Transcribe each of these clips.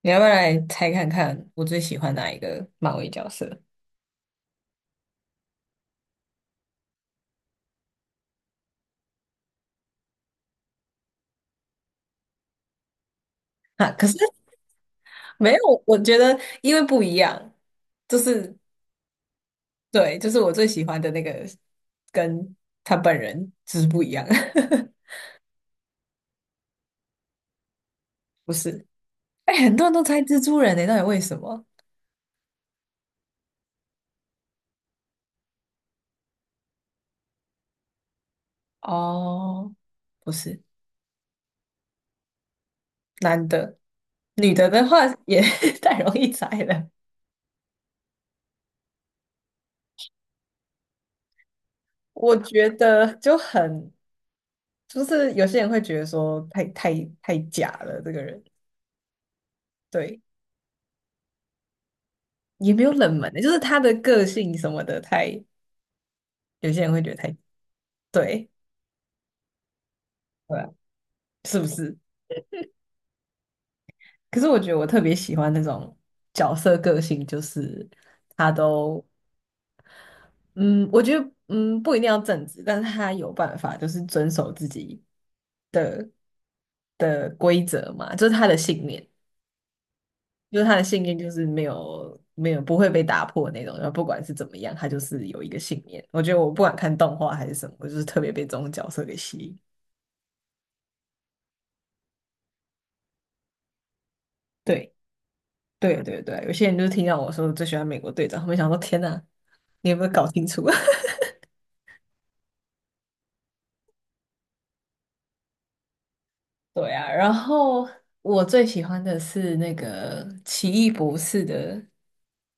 你要不要来猜看看我最喜欢哪一个漫威角色？啊，可是 没有，我觉得因为不一样，就是对，就是我最喜欢的那个跟他本人就是不一样。不是？哎、很多人都猜蜘蛛人呢、到底为什么？哦，不是，男的，女的的话也 太容易猜了。我觉得就很，就是有些人会觉得说太假了，这个人，对。也没有冷门的，就是他的个性什么的太，有些人会觉得太对，对啊，是不是？可是我觉得我特别喜欢那种角色个性，就是他都，嗯，我觉得，嗯，不一定要正直，但是他有办法，就是遵守自己的的规则嘛，就是他的信念，就是他的信念就是没有不会被打破那种，然后不管是怎么样，他就是有一个信念。我觉得我不管看动画还是什么，我就是特别被这种角色给吸引。对。对对对，有些人就是听到我说最喜欢美国队长，他们想说天呐，你有没有搞清楚？对啊，然后我最喜欢的是那个《奇异博士》的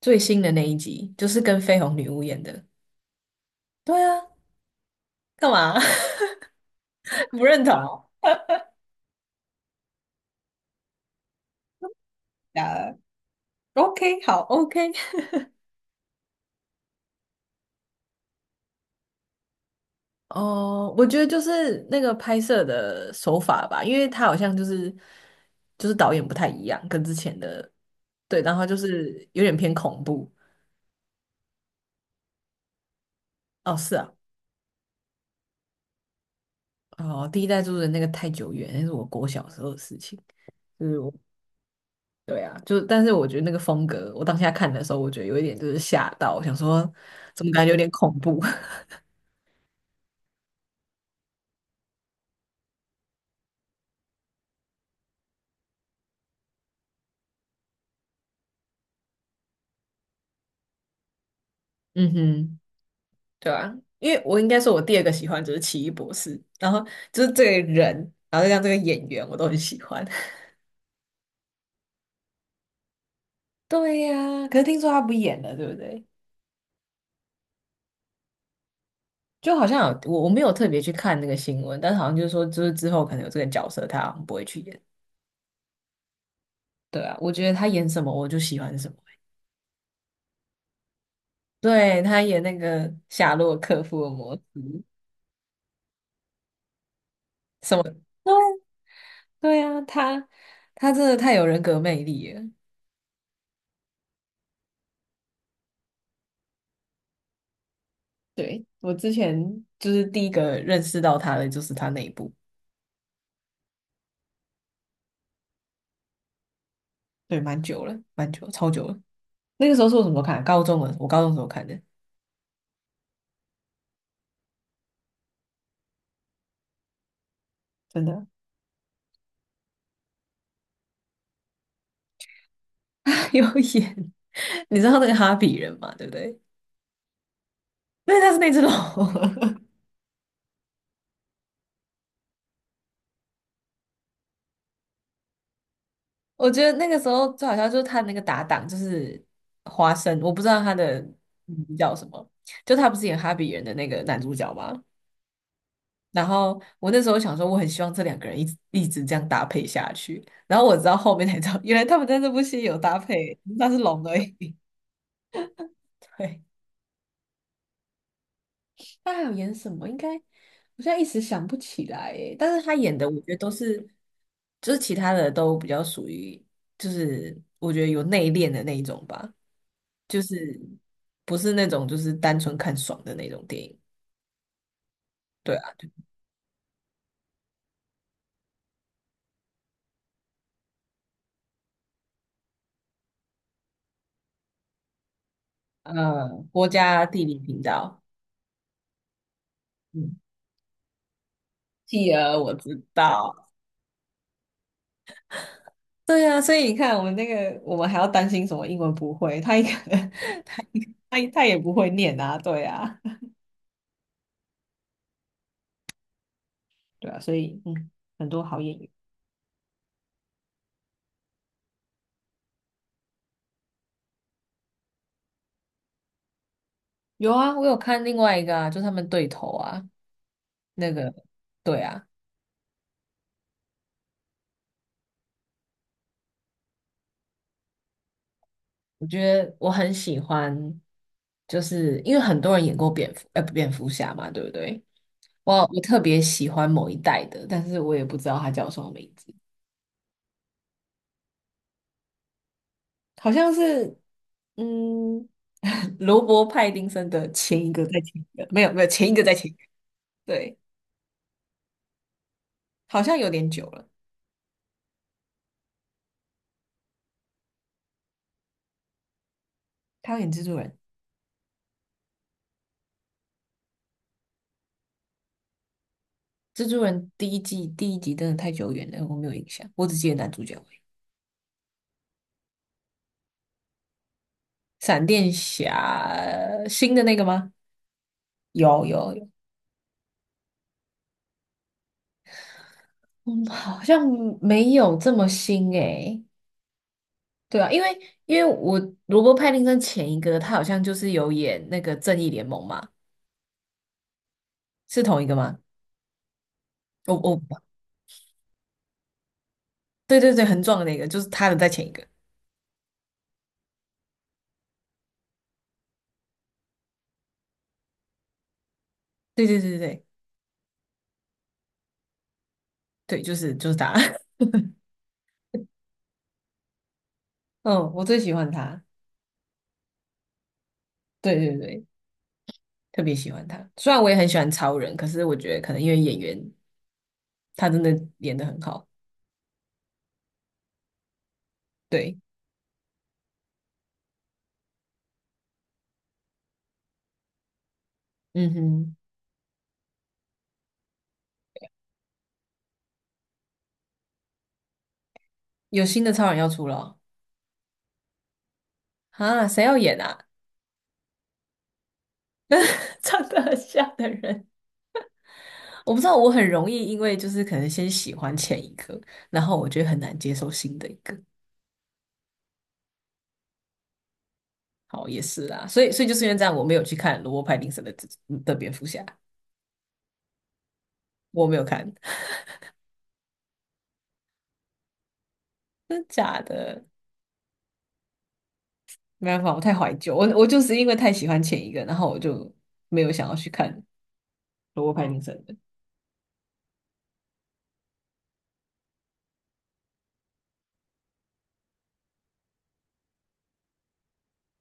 最新的那一集，就是跟绯红女巫演的。对啊，干嘛 不认同哦？o k 好，OK。哦，我觉得就是那个拍摄的手法吧，因为他好像就是就是导演不太一样，跟之前的对，然后就是有点偏恐怖。哦，是啊。哦，第一代住的那个太久远，那是我国小时候的事情。就是我，对啊，就是，但是我觉得那个风格，我当下看的时候，我觉得有一点就是吓到，我想说怎么感觉有点恐怖。嗯哼，对啊，因为我应该说，我第二个喜欢就是奇异博士，然后就是这个人，然后再加上这个演员，我都很喜欢。对呀、可是听说他不演了，对不对？就好像有我没有特别去看那个新闻，但是好像就是说，就是之后可能有这个角色，他好像不会去演。对啊，我觉得他演什么我就喜欢什么。对，他演那个夏洛克·福尔摩斯，什么？对啊，他真的太有人格魅力了。对，我之前就是第一个认识到他的就是他那一部，对，蛮久了，蛮久了，超久了。那个时候是我什么时候看高中了，我高中时候看的，真的。他有演，你知道那个哈比人嘛？对不对？对，他是那只龙。我觉得那个时候最好笑就是他那个搭档就是花生，我不知道他的名字叫什么，就他不是演哈比人的那个男主角吗？然后我那时候想说，我很希望这两个人一直这样搭配下去。然后我直到后面才知道，原来他们在这部戏有搭配，那是龙而已。对。他还有演什么？应该我现在一时想不起来耶。但是他演的，我觉得都是，就是其他的都比较属于，就是我觉得有内敛的那一种吧，就是不是那种就是单纯看爽的那种电影。对啊，对国家地理频道，嗯，继而我知道。对啊，所以你看，我们那个，我们还要担心什么英文不会？他一个 他也不会念啊，对啊，对啊，所以嗯，很多好演员。有啊，我有看另外一个啊，就他们对头啊，那个，对啊，我觉得我很喜欢，就是因为很多人演过蝙蝠，蝙蝠侠嘛，对不对？我特别喜欢某一代的，但是我也不知道他叫什么名字，好像是，嗯，罗伯·派丁森的前一个，在前一个，没有没有前一个在前一个，对，好像有点久了，他有演蜘蛛人，蜘蛛人第一季第一集真的太久远了，我没有印象，我只记得男主角。闪电侠新的那个吗？有有有，嗯，好像没有这么新诶。对啊，因为我罗伯·派丁森前一个他好像就是有演那个《正义联盟》嘛，是同一个吗？我我对对对，很壮的那个，就是他的在前一个。对对对对对对，就是就是他。嗯，我最喜欢他。对对对，特别喜欢他。虽然我也很喜欢超人，可是我觉得可能因为演员他真的演得很好。对，嗯哼，有新的超人要出了哦？啊，谁要演啊？长得很像的人，我不知道，我很容易因为就是可能先喜欢前一个，然后我觉得很难接受新的一个。好，也是啦，所以就是因为这样，我没有去看罗伯·派丁森的蝙蝠侠，我没有看，真的假的？没办法，我太怀旧，我就是因为太喜欢前一个，然后我就没有想要去看罗伯·派丁森的。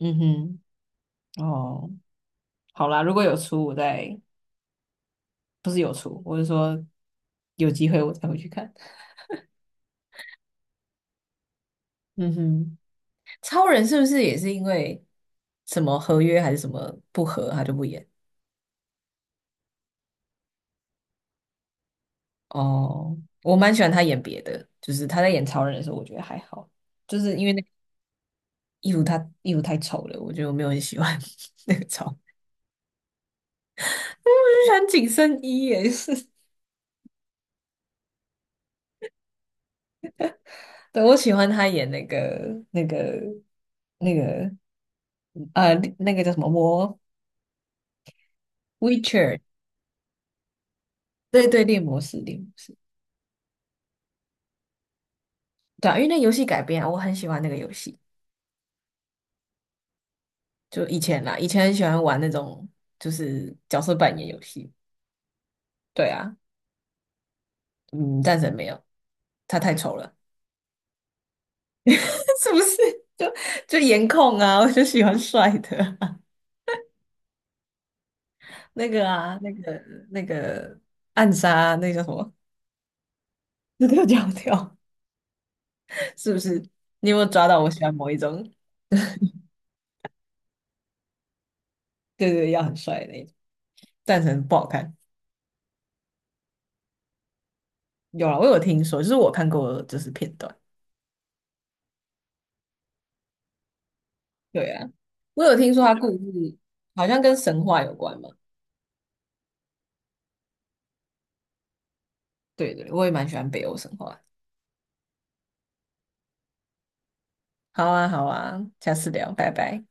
嗯哼，哦，好啦，如果有出，我再不是有出，我是说有机会我才会去看。嗯哼。超人是不是也是因为什么合约还是什么不合，他就不演？哦，我蛮喜欢他演别的，就是他在演超人的时候，我觉得还好，就是因为那个衣服他衣服太丑了，我觉得我没有很喜欢 那个超，我就喜欢紧身衣也是，对，我喜欢他演那个那个那个那个叫什么魔 Witcher,对对，猎魔士猎魔士，对啊，因为那游戏改编啊我很喜欢那个游戏。就以前啦，以前很喜欢玩那种就是角色扮演游戏。对啊，嗯，战神没有，他太丑了，是不是？就就颜控啊，我就喜欢帅的啊那个啊，那个那个暗杀，那个叫什么？那个叫跳，是不是？你有没有抓到我喜欢某一种？对对，要很帅的那种。战神不好看，有啦，我有听说，就是我看过就是片段。对啊，我有听说他故事好像跟神话有关嘛。对对，我也蛮喜欢北欧神话，好啊，好啊，下次聊，拜拜。